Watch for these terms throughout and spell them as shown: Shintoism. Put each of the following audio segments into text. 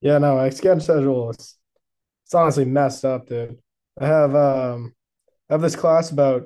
Yeah, no, my sketch schedule is it's honestly messed up, dude. I have um I have this class about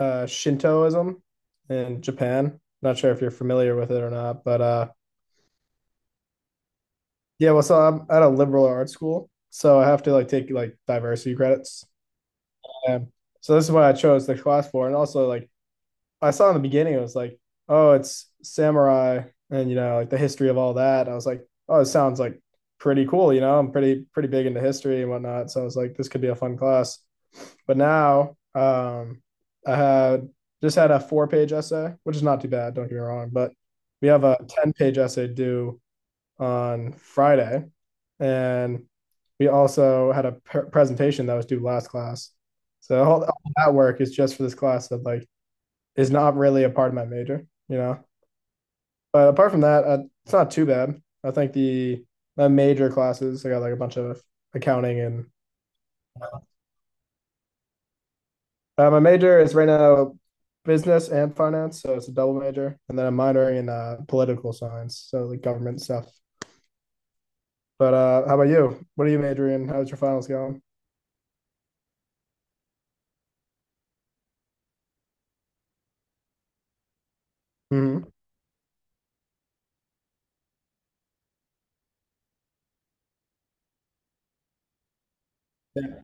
Shintoism in Japan. Not sure if you're familiar with it or not, but yeah, well so I'm at a liberal arts school, so I have to like take like diversity credits. And so this is what I chose the class for. And also like I saw in the beginning it was like, oh, it's samurai and you know, like the history of all that. I was like, oh, it sounds like pretty cool, you know. I'm pretty big into history and whatnot. So I was like, this could be a fun class. But now I had just had a four-page essay, which is not too bad, don't get me wrong, but we have a 10-page essay due on Friday. And we also had a presentation that was due last class. So all that work is just for this class that like is not really a part of my major, you know. But apart from that, it's not too bad. I think the my major classes I got like a bunch of accounting and. My major is right now business and finance, so it's a double major, and then I'm minoring in political science, so like government stuff. But how about you? What are you majoring in? How's your finals going? Hmm. Yeah,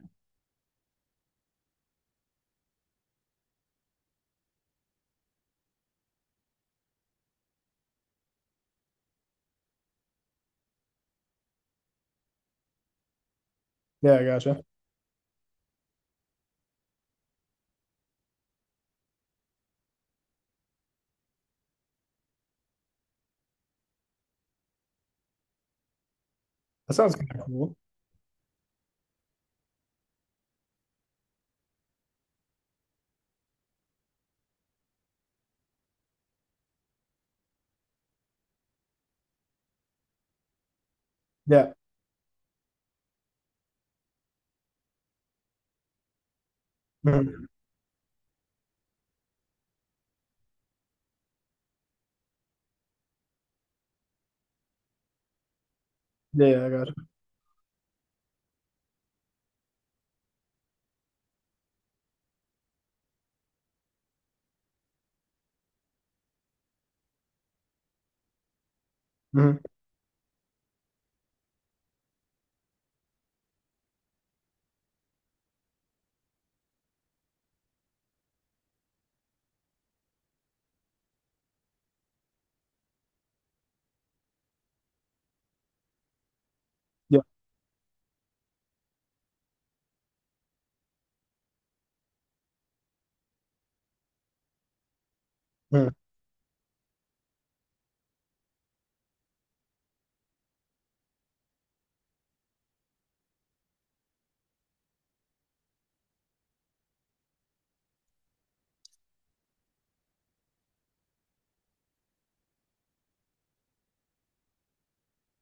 yeah, I gotcha. That sounds kind of cool. Yeah. Mhm. Yeah, yeah, I gotcha. Hmm. Yeah. Mhm.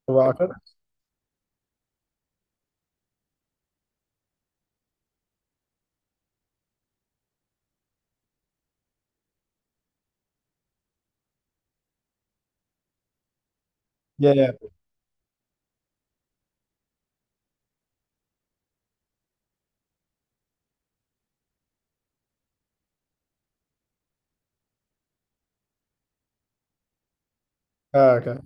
The Rocket. Yeah, yeah. Oh, okay.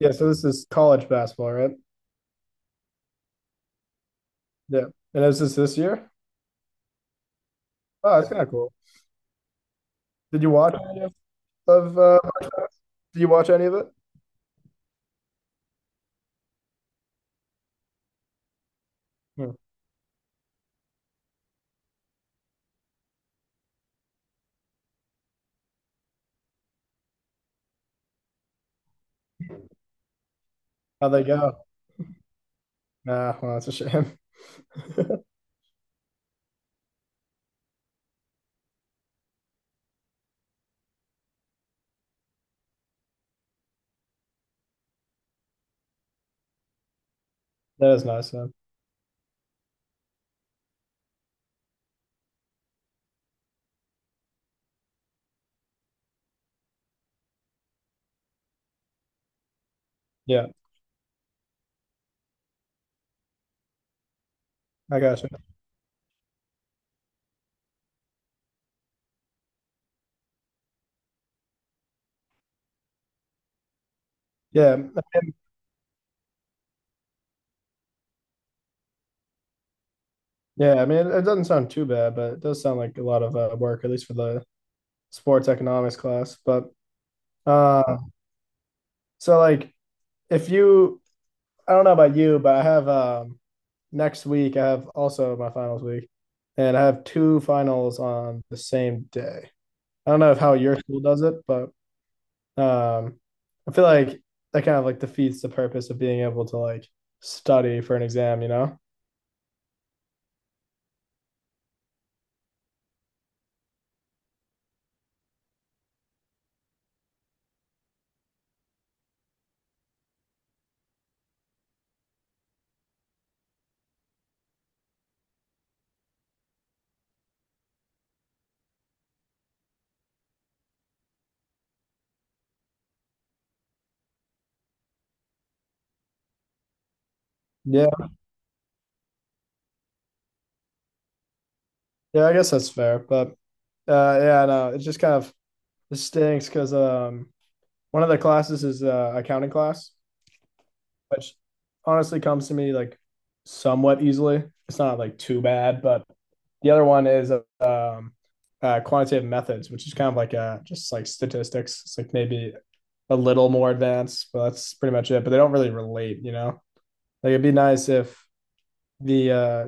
Yeah, so this is college basketball, right? Yeah. And is this this year? Oh, that's kind of cool. Did you watch any of did you watch any of it? Hmm. How'd they go? Ah, well, that's a shame. That is nice, though. Yeah, I gotcha. Yeah, yeah. I mean, it doesn't sound too bad, but it does sound like a lot of work, at least for the sports economics class. But uh, so like, if you, I don't know about you, but I have next week. I have also my finals week, and I have two finals on the same day. I don't know if how your school does it, but um, I feel like that kind of like defeats the purpose of being able to like study for an exam, you know? Yeah, I guess that's fair, but yeah, no, it just kind of it stinks because one of the classes is accounting class, which honestly comes to me like somewhat easily. It's not like too bad, but the other one is quantitative methods, which is kind of like just like statistics. It's like maybe a little more advanced, but that's pretty much it. But they don't really relate, you know. Like it'd be nice if the uh,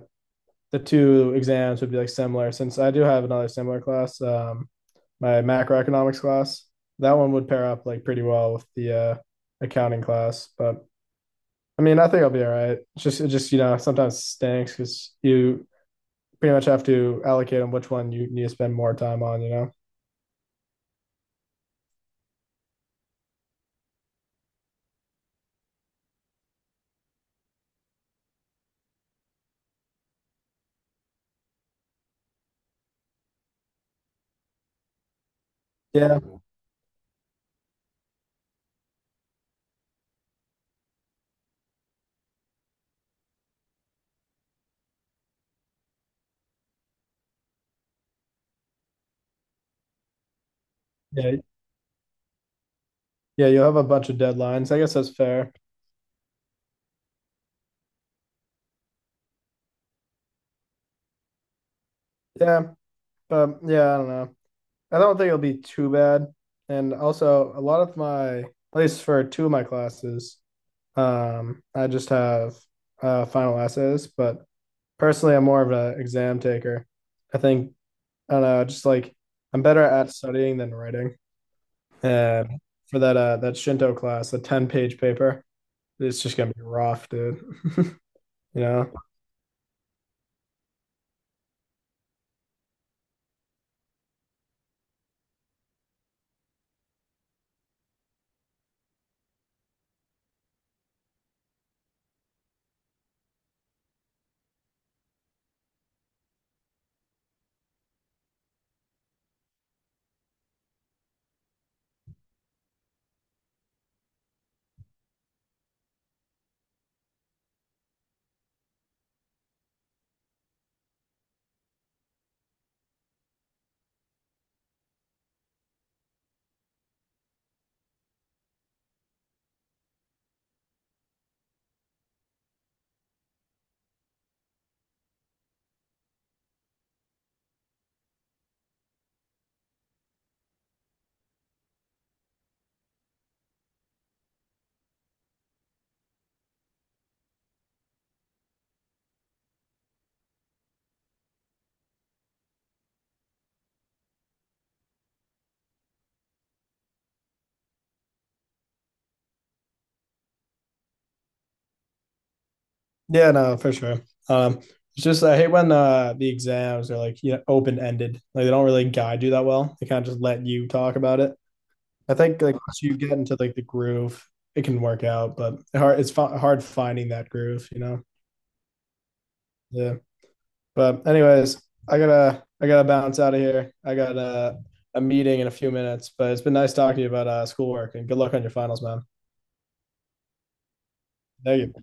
the two exams would be like similar since I do have another similar class, my macroeconomics class. That one would pair up like pretty well with the accounting class, but I mean, I think I'll be all right. It's just, it just you know, sometimes stinks because you pretty much have to allocate on which one you need to spend more time on. You know? Yeah, yeah, yeah. You'll have a bunch of deadlines. I guess that's fair. Yeah, but yeah, I don't know. I don't think it'll be too bad. And also, a lot of my, at least for two of my classes, I just have final essays, but personally, I'm more of an exam taker. I think I don't know, just like I'm better at studying than writing. And for that that Shinto class, a 10-page paper, it's just gonna be rough, dude. You know? Yeah, no, for sure. Um, it's just I hate when the exams are like you know open ended, like they don't really guide you that well. They kind of just let you talk about it. I think like once you get into like the groove, it can work out, but hard finding that groove, you know. Yeah. But anyways, I gotta bounce out of here. I got a meeting in a few minutes, but it's been nice talking to you about schoolwork and good luck on your finals, man. Thank you.